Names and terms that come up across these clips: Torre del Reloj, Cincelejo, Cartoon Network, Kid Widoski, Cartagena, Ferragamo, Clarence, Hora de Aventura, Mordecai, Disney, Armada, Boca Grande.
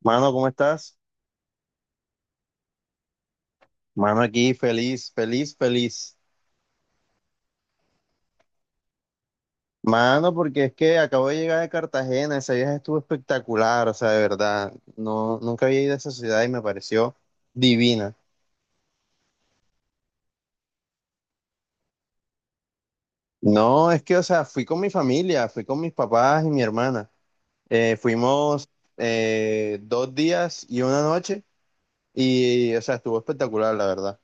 Mano, ¿cómo estás? Mano, aquí feliz, feliz, feliz. Mano, porque es que acabo de llegar de Cartagena, ese viaje estuvo espectacular, o sea, de verdad, no, nunca había ido a esa ciudad y me pareció divina. No, es que, o sea, fui con mi familia, fui con mis papás y mi hermana. Fuimos 2 días y una noche y, o sea, estuvo espectacular, la verdad.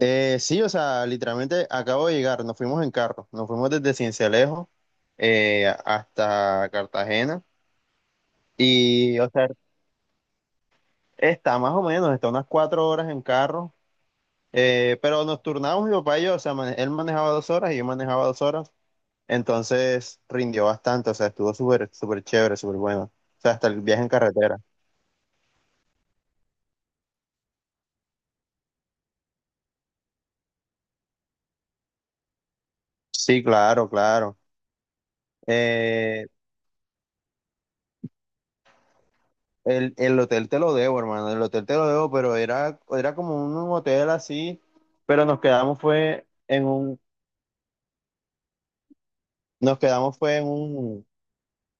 Sí, o sea, literalmente acabo de llegar, nos fuimos en carro, nos fuimos desde Cincelejo hasta Cartagena y, o sea, está más o menos, está unas 4 horas en carro, pero nos turnamos mi papá y yo, o sea, él manejaba 2 horas y yo manejaba 2 horas, entonces rindió bastante, o sea, estuvo súper, súper chévere, súper bueno, o sea, hasta el viaje en carretera. Sí, claro, claro. Eh, el hotel te lo debo, hermano, el hotel te lo debo, pero era, era como un hotel así, pero nos quedamos fue en un, nos quedamos fue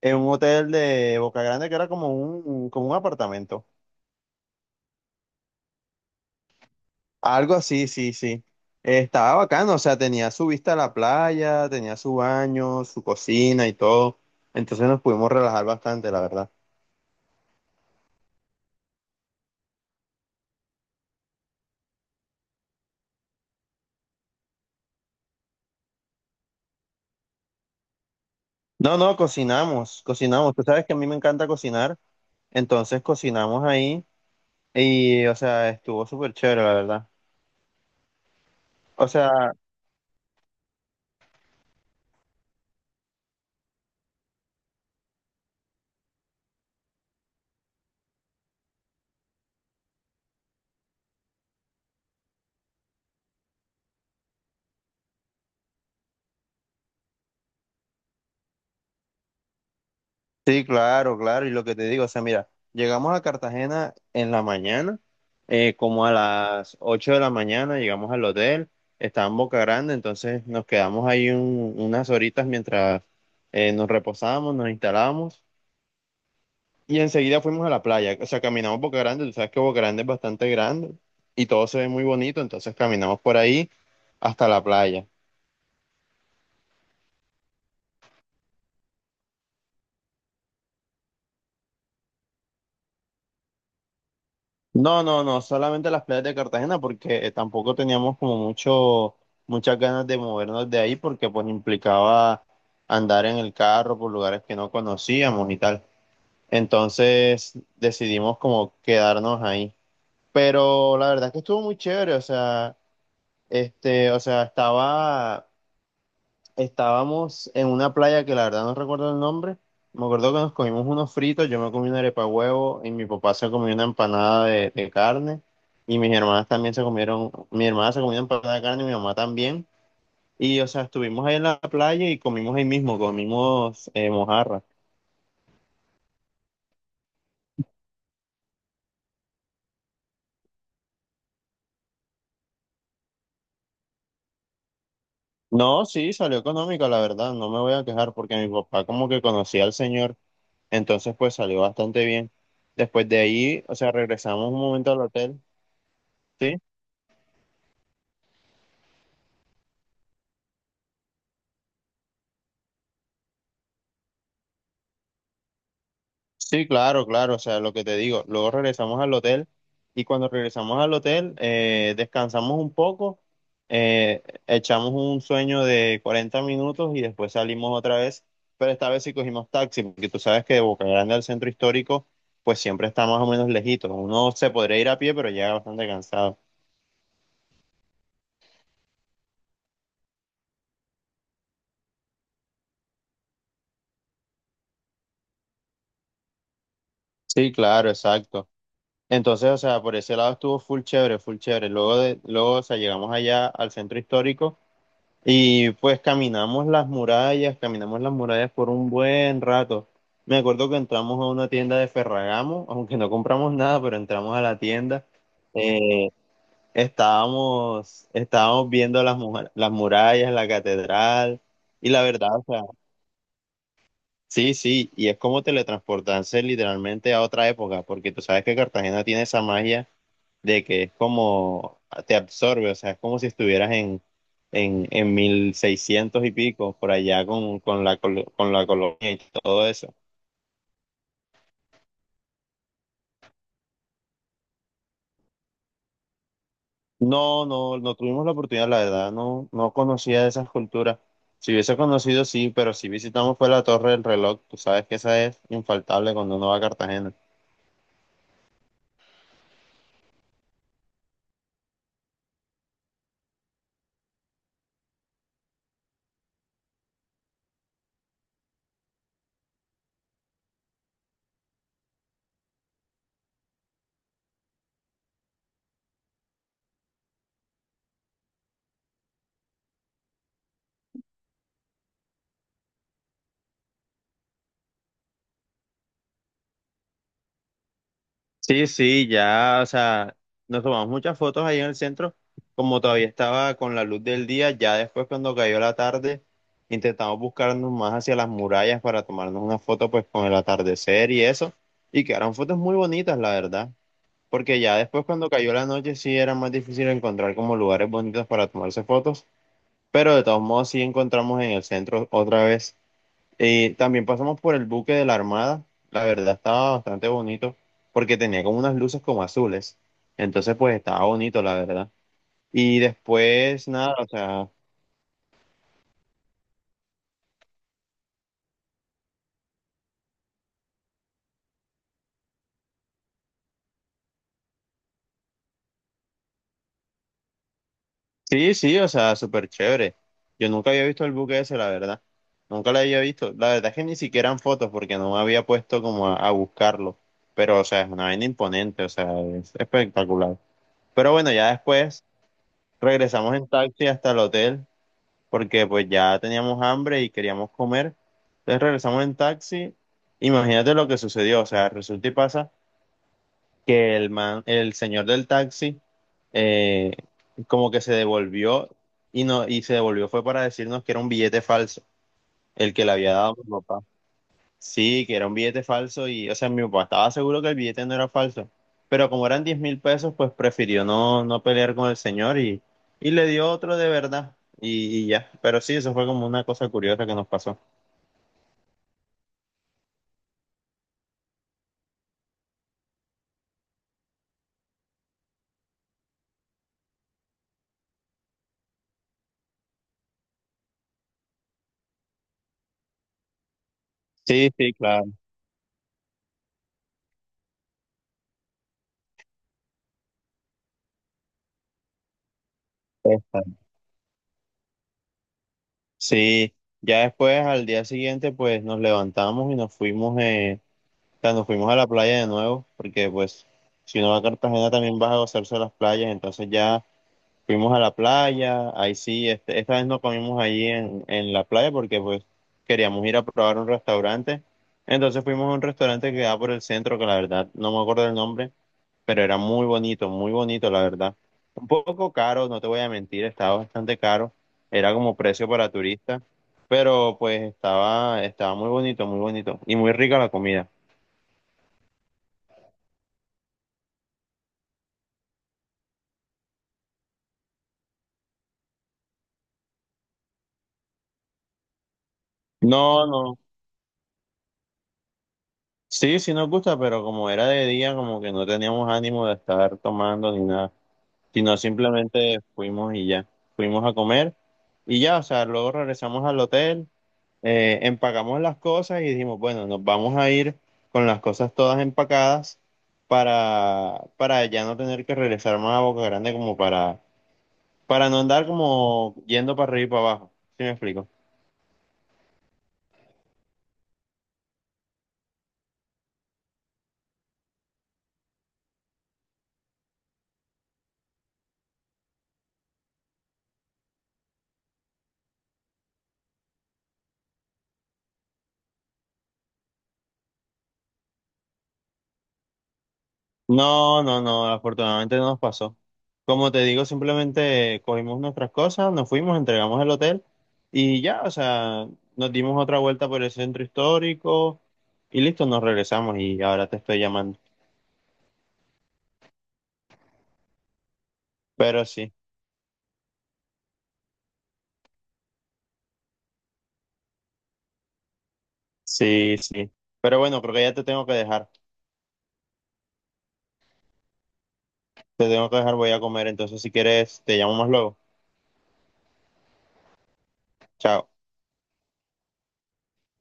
en un hotel de Boca Grande que era como un apartamento, algo así, sí, sí. Estaba bacano, o sea, tenía su vista a la playa, tenía su baño, su cocina y todo, entonces nos pudimos relajar bastante, la verdad. No, no, cocinamos, cocinamos, tú sabes que a mí me encanta cocinar, entonces cocinamos ahí. Y, o sea, estuvo súper chévere, la verdad. O sea, sí, claro, claro. Y lo que te digo, o sea, mira, llegamos a Cartagena en la mañana, como a las 8 de la mañana, llegamos al hotel, estaba en Boca Grande, entonces nos quedamos ahí unas horitas mientras nos reposábamos, nos instalábamos y enseguida fuimos a la playa. O sea, caminamos Boca Grande, tú sabes que Boca Grande es bastante grande y todo se ve muy bonito, entonces caminamos por ahí hasta la playa. No, no, no, solamente las playas de Cartagena porque tampoco teníamos como muchas ganas de movernos de ahí porque pues implicaba andar en el carro por lugares que no conocíamos y tal. Entonces decidimos como quedarnos ahí. Pero la verdad es que estuvo muy chévere, o sea, este, o sea, estaba Estábamos en una playa que la verdad no recuerdo el nombre. Me acuerdo que nos comimos unos fritos, yo me comí una arepa de huevo y mi papá se comió una empanada de carne y mis hermanas también se comieron, mi hermana se comió una empanada de carne y mi mamá también. Y o sea, estuvimos ahí en la playa y comimos ahí mismo, comimos mojarra. No, sí, salió económica, la verdad, no me voy a quejar porque mi papá como que conocía al señor, entonces pues salió bastante bien. Después de ahí, o sea, regresamos un momento al hotel, ¿sí? Sí, claro, claro, o sea, lo que te digo, luego regresamos al hotel y cuando regresamos al hotel descansamos un poco, echamos un sueño de 40 minutos y después salimos otra vez, pero esta vez sí cogimos taxi, porque tú sabes que de Boca Grande al centro histórico pues siempre está más o menos lejito, uno se podría ir a pie pero llega bastante cansado. Sí, claro, exacto. Entonces, o sea, por ese lado estuvo full chévere, full chévere. Luego de, luego, o sea, llegamos allá al centro histórico, y pues caminamos las murallas por un buen rato. Me acuerdo que entramos a una tienda de Ferragamo, aunque no compramos nada, pero entramos a la tienda. Eh, estábamos, estábamos viendo las, las murallas, la catedral, y la verdad, o sea, sí, sí, y es como teletransportarse literalmente a otra época, porque tú sabes que Cartagena tiene esa magia de que es como te absorbe, o sea, es como si estuvieras en, en 1600 y pico, por allá con la, con la colonia y todo eso. No, no, no tuvimos la oportunidad, la verdad, no, no conocía esas culturas. Si hubiese conocido, sí, pero si visitamos fue la Torre del Reloj, tú sabes que esa es infaltable cuando uno va a Cartagena. Sí, sí, ya, o sea, nos tomamos muchas fotos ahí en el centro, como todavía estaba con la luz del día, ya después cuando cayó la tarde, intentamos buscarnos más hacia las murallas para tomarnos una foto pues con el atardecer y eso, y quedaron fotos muy bonitas, la verdad, porque ya después cuando cayó la noche sí era más difícil encontrar como lugares bonitos para tomarse fotos, pero de todos modos sí encontramos en el centro otra vez. También pasamos por el buque de la Armada. La verdad estaba bastante bonito porque tenía como unas luces como azules. Entonces, pues estaba bonito, la verdad. Y después, nada, o sea, sí, sí, o sea, súper chévere. Yo nunca había visto el buque ese, la verdad. Nunca lo había visto. La verdad es que ni siquiera en fotos porque no me había puesto como a buscarlo. Pero, o sea, es una vaina imponente, o sea, es espectacular. Pero bueno, ya después regresamos en taxi hasta el hotel porque pues ya teníamos hambre y queríamos comer. Entonces regresamos en taxi. Imagínate lo que sucedió. O sea, resulta y pasa que el man, el señor del taxi, eh, como que se devolvió y no, y se devolvió fue para decirnos que era un billete falso, el que le había dado mi papá. Sí, que era un billete falso y, o sea, mi papá estaba seguro que el billete no era falso, pero como eran 10.000 pesos, pues prefirió no pelear con el señor y, le dio otro de verdad y ya, pero sí, eso fue como una cosa curiosa que nos pasó. Sí, sí, claro. Esta. Sí, ya después al día siguiente pues nos levantamos y nos fuimos, o sea, nos fuimos a la playa de nuevo, porque pues si uno va a Cartagena también vas a gozarse de las playas, entonces ya fuimos a la playa, ahí sí, este, esta vez no comimos allí en la playa porque pues queríamos ir a probar un restaurante. Entonces fuimos a un restaurante que queda por el centro, que la verdad no me acuerdo el nombre, pero era muy bonito, la verdad. Un poco caro, no te voy a mentir, estaba bastante caro, era como precio para turista, pero pues estaba, estaba muy bonito y muy rica la comida. No, no, sí, sí nos gusta, pero como era de día, como que no teníamos ánimo de estar tomando ni nada. Sino simplemente fuimos y ya, fuimos a comer y ya, o sea, luego regresamos al hotel, empacamos las cosas y dijimos, bueno, nos vamos a ir con las cosas todas empacadas para ya no tener que regresar más a Boca Grande como para no andar como yendo para arriba y para abajo, ¿sí me explico? No, no, no, afortunadamente no nos pasó. Como te digo, simplemente cogimos nuestras cosas, nos fuimos, entregamos el hotel y ya, o sea, nos dimos otra vuelta por el centro histórico y listo, nos regresamos y ahora te estoy llamando. Pero sí, sí, sí. Pero bueno, creo que ya te tengo que dejar. Te tengo que dejar, voy a comer, entonces si quieres, te llamo más luego. Chao.